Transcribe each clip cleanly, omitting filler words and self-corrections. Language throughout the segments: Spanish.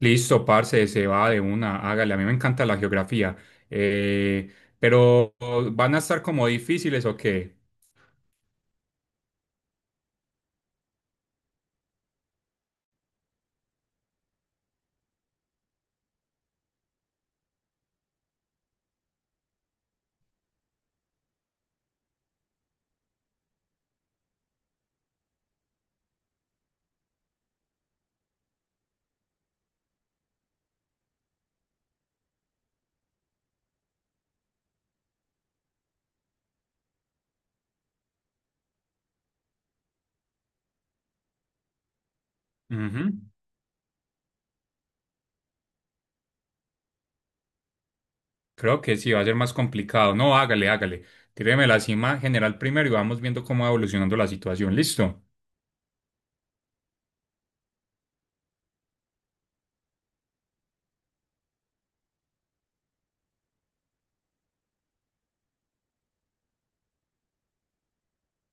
Listo, parce, se va de una, hágale. A mí me encanta la geografía. Eh, pero ¿van a estar como difíciles o qué? Ujú. Creo que sí, va a ser más complicado. No, hágale, hágale. Tíreme la cima general primero y vamos viendo cómo va evolucionando la situación. ¿Listo?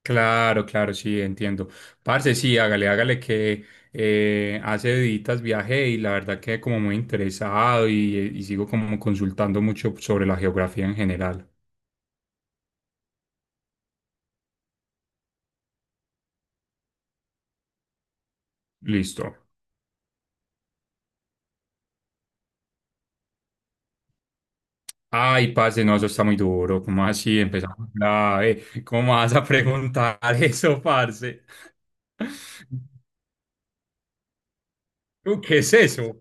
Claro, claro, sí, entiendo. Parce, sí, hágale, hágale que hace deditas viajé y la verdad que como muy interesado y sigo como consultando mucho sobre la geografía en general. Listo. Ay, parce, no, eso está muy duro. ¿Cómo así? Empezamos grave. ¿Cómo vas a preguntar eso, parce? ¿Tú qué es eso?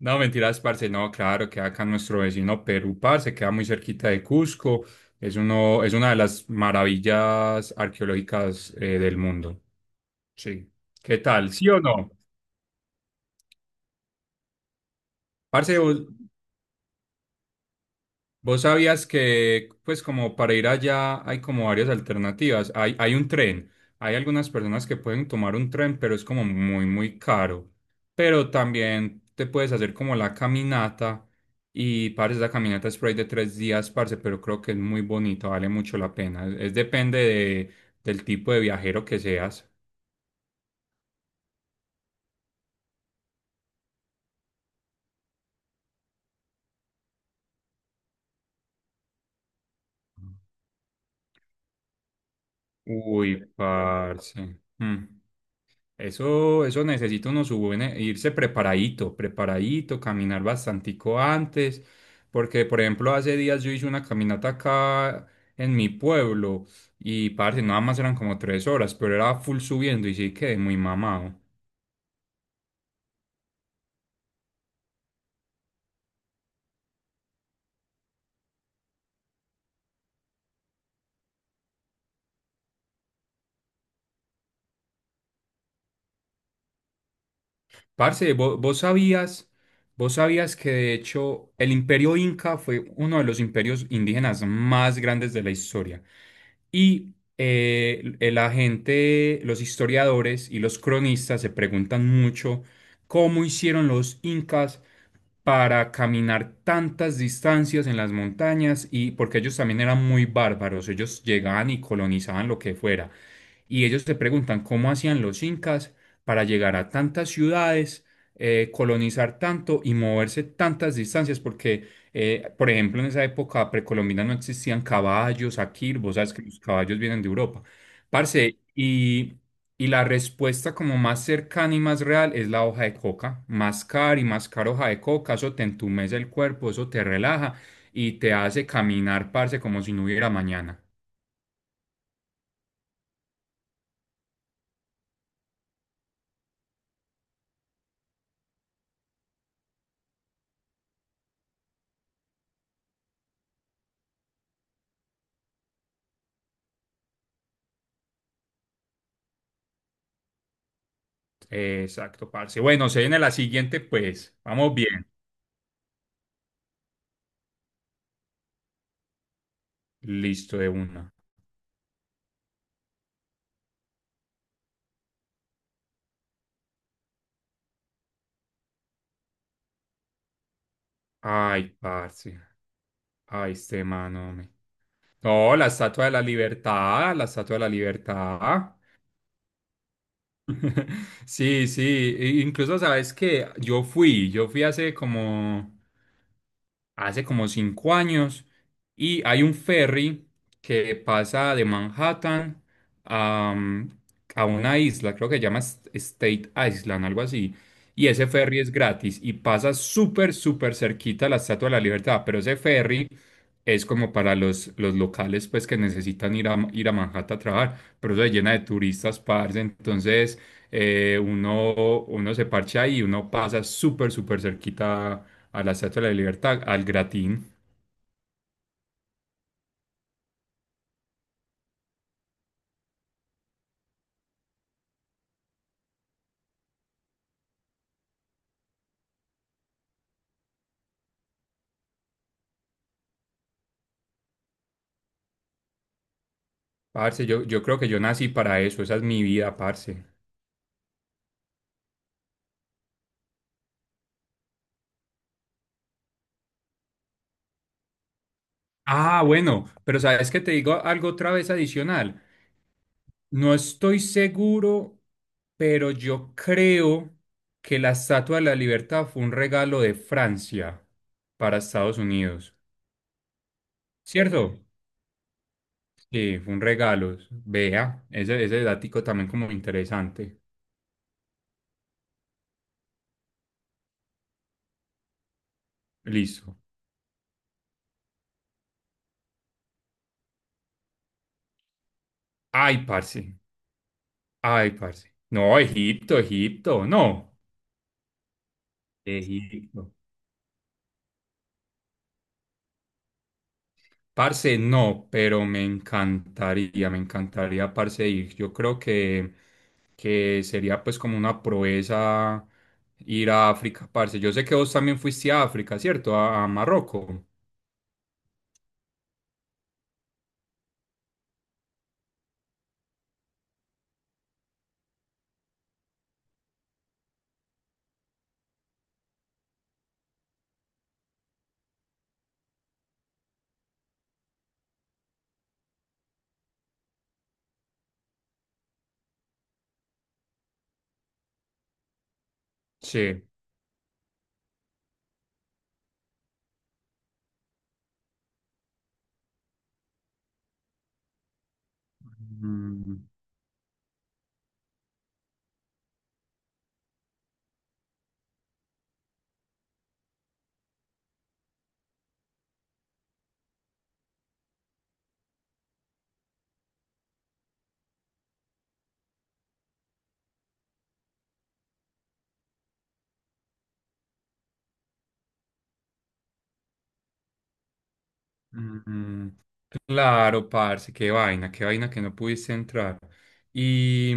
No, mentiras, parce. No, claro, queda acá nuestro vecino Perú, parce. Queda muy cerquita de Cusco. Es una de las maravillas arqueológicas del mundo. Sí. ¿Qué tal? ¿Sí o no? Parce, vos- Vos sabías que, pues, como para ir allá hay como varias alternativas. Hay un tren. Hay algunas personas que pueden tomar un tren, pero es como muy, muy caro. Pero también te puedes hacer como la caminata. Y, parce, la caminata es por ahí de 3 días, parce, pero creo que es muy bonito, vale mucho la pena. Es depende del tipo de viajero que seas. Uy, parce. Mm. Eso necesita uno su irse preparadito, preparadito, caminar bastantico antes, porque por ejemplo hace días yo hice una caminata acá en mi pueblo y parce, nada más eran como 3 horas, pero era full subiendo y sí quedé muy mamado. Parce, vos sabías que de hecho el Imperio Inca fue uno de los imperios indígenas más grandes de la historia. Y la gente, los historiadores y los cronistas se preguntan mucho cómo hicieron los incas para caminar tantas distancias en las montañas y porque ellos también eran muy bárbaros, ellos llegaban y colonizaban lo que fuera y ellos se preguntan cómo hacían los incas para llegar a tantas ciudades, colonizar tanto y moverse tantas distancias, porque, por ejemplo, en esa época precolombina no existían caballos aquí, vos sabes que los caballos vienen de Europa. Parce, y la respuesta como más cercana y más real es la hoja de coca. Mascar y mascar hoja de coca, eso te entumece el cuerpo, eso te relaja y te hace caminar, parce, como si no hubiera mañana. Exacto, parce. Bueno, se viene la siguiente, pues. Vamos bien. Listo de una. Ay, parce. Ay, este mano, hombre. No, la Estatua de la Libertad, la Estatua de la Libertad. Sí, sí. Incluso, ¿sabes que yo fui hace como 5 años y hay un ferry que pasa de Manhattan a, a una isla, creo que se llama State Island, algo así? Y ese ferry es gratis y pasa súper, súper cerquita a la Estatua de la Libertad, pero ese ferry es como para los locales pues que necesitan ir a, ir a Manhattan a trabajar, pero eso se llena de turistas, parce, entonces uno se parcha ahí y uno pasa súper, súper cerquita a la Estatua de la Libertad, al Gratín. Parce, yo creo que yo nací para eso, esa es mi vida, parce. Ah, bueno, pero ¿sabes que te digo algo otra vez adicional? No estoy seguro, pero yo creo que la Estatua de la Libertad fue un regalo de Francia para Estados Unidos. ¿Cierto? Sí, fue un regalo. Vea, ese datico también como interesante. Listo. Ay, parce. Ay, parce. No, Egipto, Egipto. No. Egipto. Parce, no, pero me encantaría, parce, ir. Yo creo que sería pues como una proeza ir a África, parce. Yo sé que vos también fuiste a África, ¿cierto? A Marruecos. Sí. Mm, mm, mm. Claro, parce, qué vaina que no pudiste entrar. Y,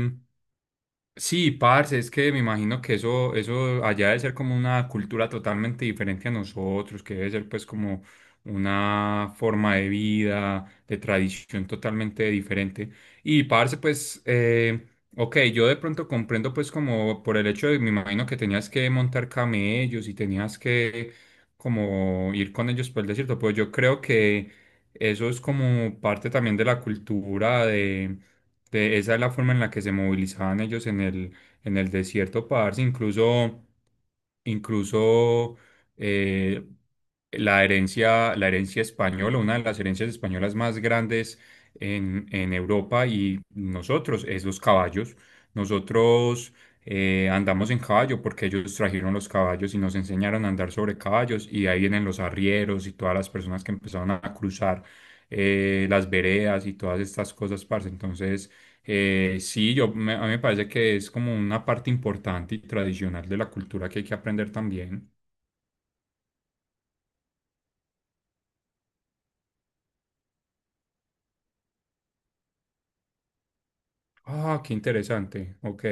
sí, parce, es que me imagino que eso allá debe ser como una cultura totalmente diferente a nosotros, que debe ser pues como una forma de vida, de tradición totalmente diferente. Y parce, pues, ok, yo de pronto comprendo pues como por el hecho de, me imagino que tenías que montar camellos y tenías que como ir con ellos por el desierto, pues yo creo que eso es como parte también de la cultura esa es la forma en la que se movilizaban ellos en el desierto, parce. Incluso, incluso eh, la herencia española, una de las herencias españolas más grandes en Europa y nosotros, es los caballos. Nosotros andamos en caballo porque ellos trajeron los caballos y nos enseñaron a andar sobre caballos y de ahí vienen los arrieros y todas las personas que empezaron a cruzar las veredas y todas estas cosas, parce. Entonces, sí, a mí me parece que es como una parte importante y tradicional de la cultura que hay que aprender también. Ah, qué interesante. Ok.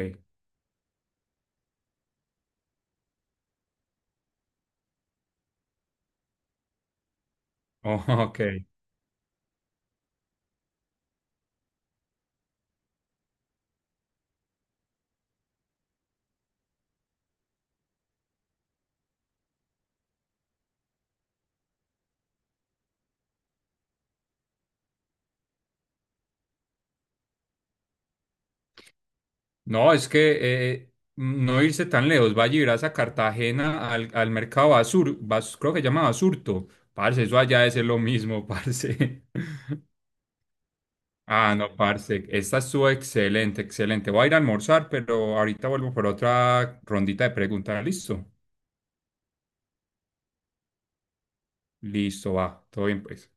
Oh, ok. No, es que no irse tan lejos. Vaya y verás a Cartagena al, al mercado creo que se llama Basurto. Parce, eso allá es lo mismo, parce. Ah, no, parce. Esta estuvo excelente, excelente. Voy a ir a almorzar, pero ahorita vuelvo por otra rondita de preguntas. ¿Listo? Listo, va. Todo bien, pues.